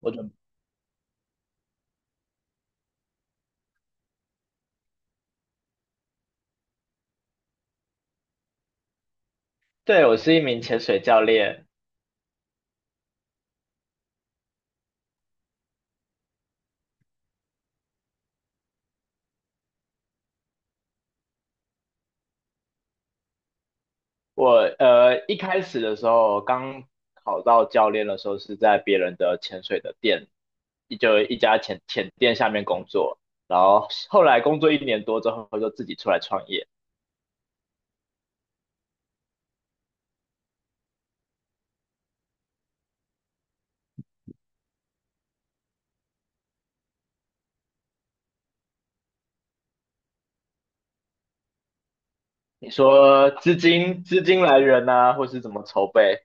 我准，对，我是一名潜水教练。我一开始的时候，刚考到教练的时候是在别人的潜水的店，一家潜店下面工作。然后后来工作1年多之后，就自己出来创业。你说资金来源啊，或是怎么筹备，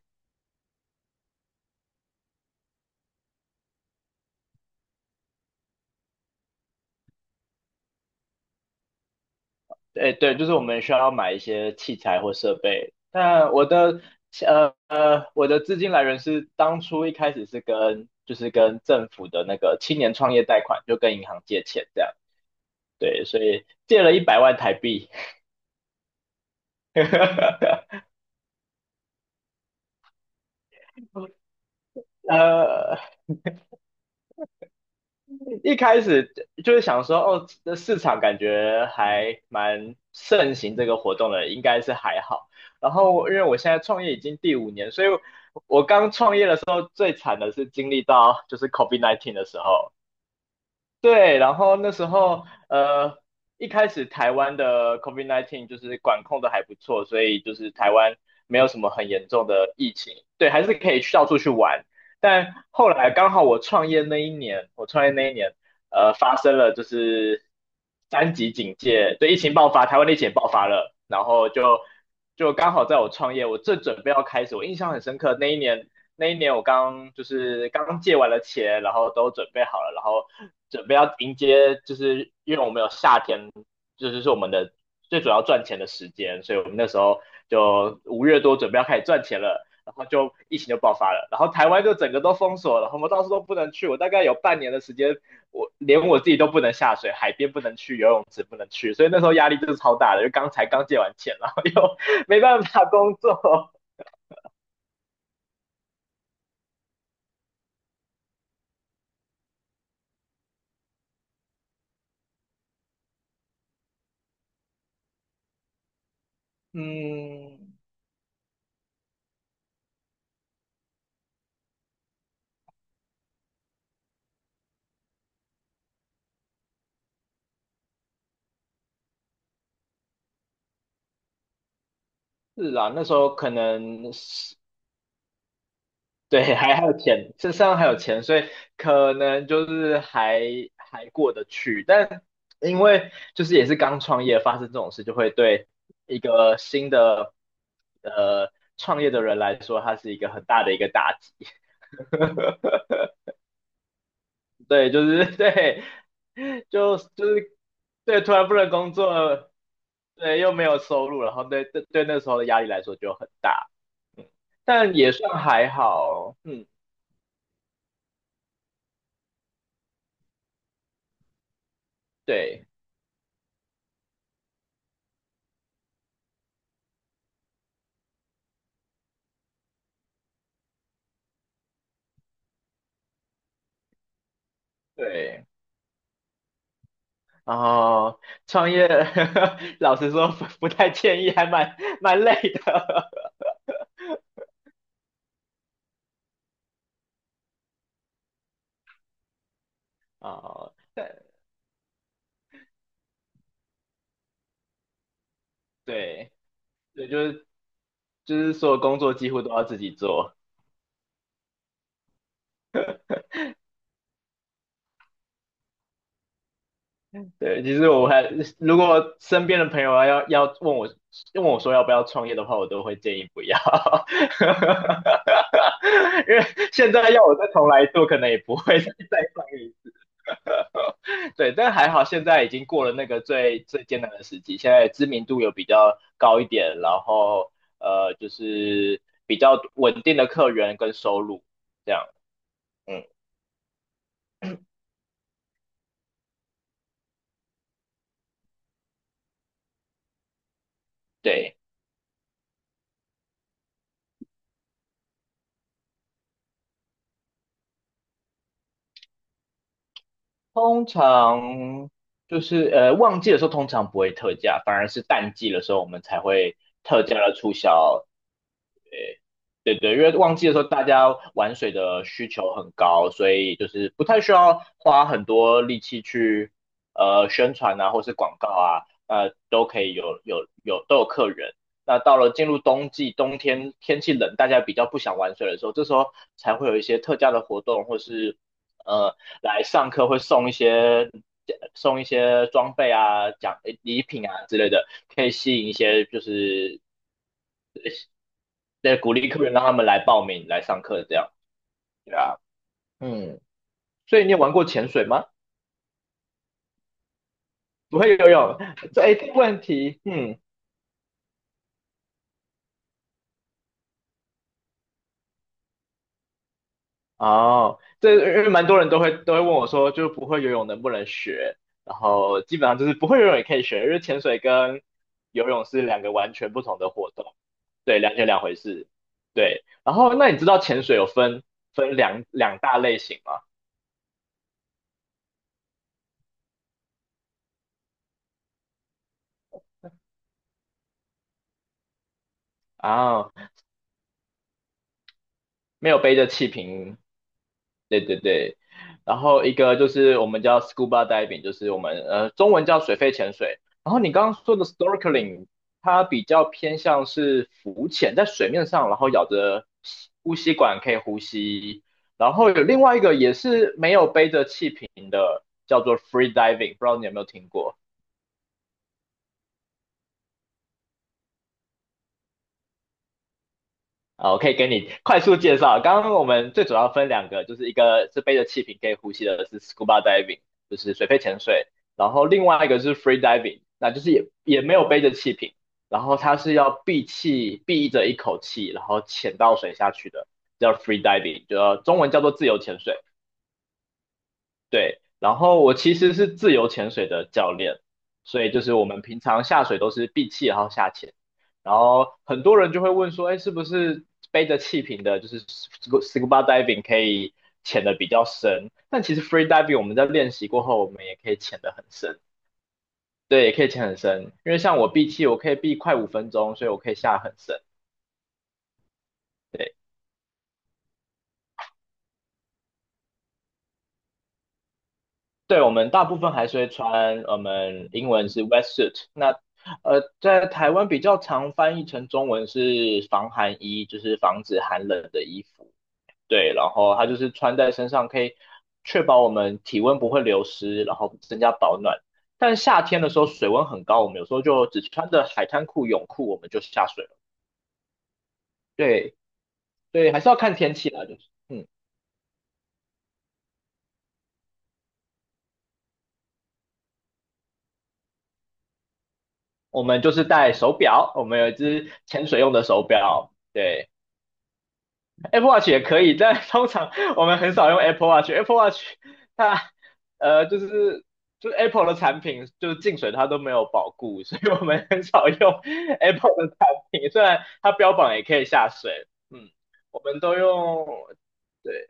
哎，对，就是我们需要买一些器材或设备。那我的资金来源是当初一开始是跟就是跟政府的那个青年创业贷款，就跟银行借钱这样。对，所以借了100万台币。呃，一开始就是想说，哦，这市场感觉还蛮盛行这个活动的，应该是还好。然后因为我现在创业已经第五年，所以我刚创业的时候最惨的是经历到就是 COVID-19 的时候，对，然后那时候一开始台湾的 COVID-19 就是管控的还不错，所以就是台湾没有什么很严重的疫情，对，还是可以去到处去玩。但后来刚好我创业那一年，发生了就是三级警戒，对，疫情爆发，台湾的疫情也爆发了，然后就刚好在我创业，我正准备要开始，我印象很深刻，那一年我刚就是刚借完了钱，然后都准备好了，然后准备要迎接，就是因为我们有夏天，就是我们的最主要赚钱的时间，所以我们那时候就5月多准备要开始赚钱了，然后就疫情就爆发了，然后台湾就整个都封锁了，然后我们到处都不能去，我大概有半年的时间，我连我自己都不能下水，海边不能去，游泳池不能去，所以那时候压力就是超大的，就刚才刚借完钱，然后又 没办法工作，嗯。是啦，那时候可能是对，还有钱，身上还有钱，所以可能就是还过得去。但因为就是也是刚创业，发生这种事，就会对一个新的呃创业的人来说，它是一个很大的一个打击。对，就是对，就是对，突然不能工作，对，又没有收入，然后对对对，那时候的压力来说就很大。嗯但也算还好，嗯。对对，然后创业，老实说不太建议，还蛮累的。哦，对对对，就是所有工作几乎都要自己做。对，其实我如果身边的朋友啊要问我说要不要创业的话，我都会建议不要，因为现在要我再重来做，可能也不会再创业对，但还好现在已经过了那个最最艰难的时期，现在知名度有比较高一点，然后就是比较稳定的客源跟收入这样。嗯，对，通常就是旺季的时候通常不会特价，反而是淡季的时候我们才会特价的促销。对对，因为旺季的时候大家玩水的需求很高，所以就是不太需要花很多力气去宣传啊，或是广告啊，都可以有都有客人。那到了进入冬季，冬天天气冷，大家比较不想玩水的时候，这时候才会有一些特价的活动，或是呃来上课会送一些装备啊、奖礼品啊之类的，可以吸引一些就是对鼓励客人让他们来报名来上课这样。啊，嗯，所以你有玩过潜水吗？不会游泳，这个问题，嗯，哦，因为蛮多人都会问我说，就是不会游泳能不能学？然后基本上就是不会游泳也可以学，因为潜水跟游泳是两个完全不同的活动，对，两回事。对，然后那你知道潜水有分两大类型吗？啊，没有背着气瓶。对对对，然后一个就是我们叫 scuba diving,就是我们中文叫水肺潜水。然后你刚刚说的 snorkeling,它比较偏向是浮潜，在水面上，然后咬着呼吸管可以呼吸。然后有另外一个也是没有背着气瓶的，叫做 free diving,不知道你有没有听过？啊，我可以给你快速介绍。刚刚我们最主要分两个，就是一个是背着气瓶可以呼吸的是 scuba diving,就是水肺潜水，然后另外一个是 free diving,那就是也没有背着气瓶，然后它是要闭着一口气，然后潜到水下去的，叫 free diving,就中文叫做自由潜水。对，然后我其实是自由潜水的教练，所以就是我们平常下水都是闭气然后下潜，然后很多人就会问说，哎，是不是背着气瓶的，就是 scuba diving 可以潜的比较深？但其实 free diving 我们在练习过后，我们也可以潜的很深，对，也可以潜很深，因为像我闭气，我可以闭快5分钟，所以我可以下很深。对。对，我们大部分还是会穿，我们英文是 wetsuit。那在台湾比较常翻译成中文是防寒衣，就是防止寒冷的衣服。对，然后它就是穿在身上，可以确保我们体温不会流失，然后增加保暖。但夏天的时候水温很高，我们有时候就只穿着海滩裤、泳裤，我们就下水了。对，对，还是要看天气啦，就是嗯，我们就是戴手表，我们有1只潜水用的手表。对。Apple Watch 也可以，但通常我们很少用 Apple Watch。Apple Watch 它呃就是就是 Apple 的产品就是进水它都没有保固，所以我们很少用 Apple 的产品。虽然它标榜也可以下水，嗯，我们都用，对，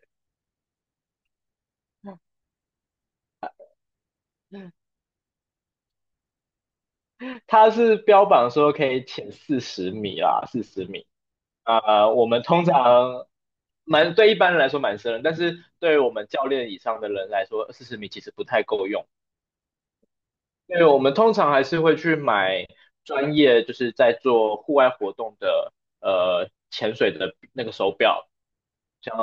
它是标榜说可以潜四十米啦，四十米。我们通常蛮对一般人来说蛮深的，但是对我们教练以上的人来说，四十米其实不太够用。对，我们通常还是会去买专业，就是在做户外活动的，潜水的那个手表，像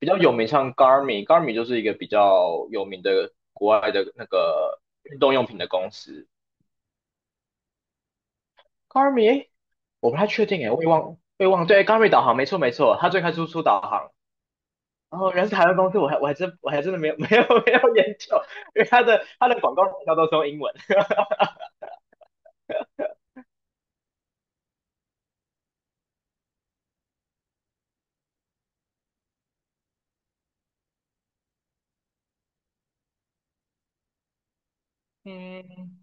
比较有名，像 Garmin 就是一个比较有名的国外的那个运动用品的公司。Garmin,诶我不太确定诶，我也忘，对，Garmin 导航，没错没错，它最开始出导航。然后原来是台湾公司，我还真的没有 没有没有研究，因为它的广告营销都是用英文。嗯，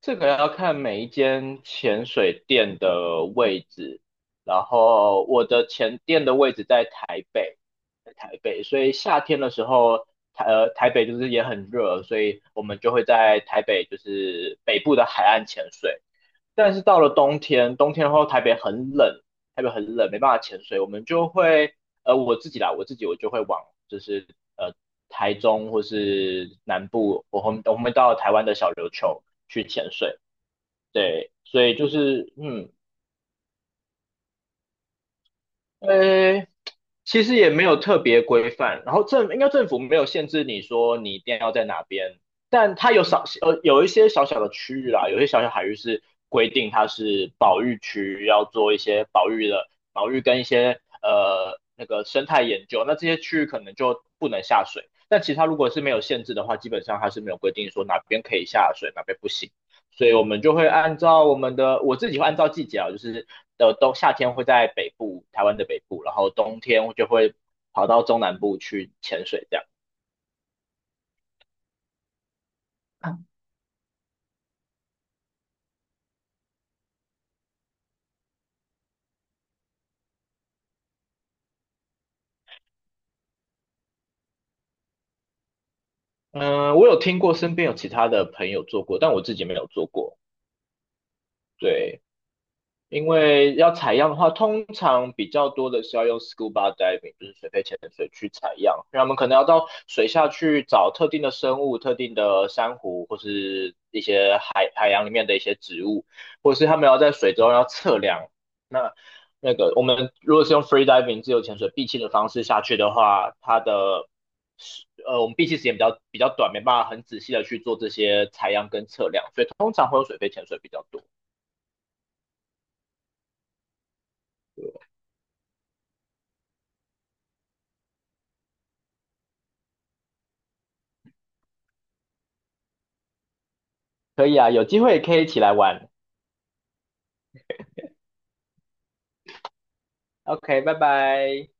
这个要看每一间潜水店的位置，然后我的前店的位置在台北，所以夏天的时候，台北就是也很热，所以我们就会在台北就是北部的海岸潜水。但是到了冬天，冬天后台北很冷，没办法潜水，我们就会呃我自己啦，我自己就会往就是呃台中或是南部，我们到台湾的小琉球去潜水。对，所以就是呃，其实也没有特别规范，然后应该政府没有限制你说你一定要在哪边，但它有少有一些小小的区域啦，有些小小海域是规定它是保育区，要做一些保育跟一些那个生态研究，那这些区域可能就不能下水。但其他如果是没有限制的话，基本上它是没有规定说哪边可以下水，哪边不行。所以我们就会按照我们的，我自己会按照季节啊，就是夏天会在北部，台湾的北部，然后冬天我就会跑到中南部去潜水这样。嗯，我有听过身边有其他的朋友做过，但我自己没有做过。对，因为要采样的话，通常比较多的是要用 scuba diving,就是水肺潜水去采样。那我们可能要到水下去找特定的生物、特定的珊瑚，或是一些海洋里面的一些植物，或是他们要在水中要测量。那那个我们如果是用 free diving 自由潜水闭气的方式下去的话，我们闭气时间比较短，没办法很仔细的去做这些采样跟测量，所以通常会用水肺潜水比较多。可以啊，有机会可以一起来玩。OK,拜拜。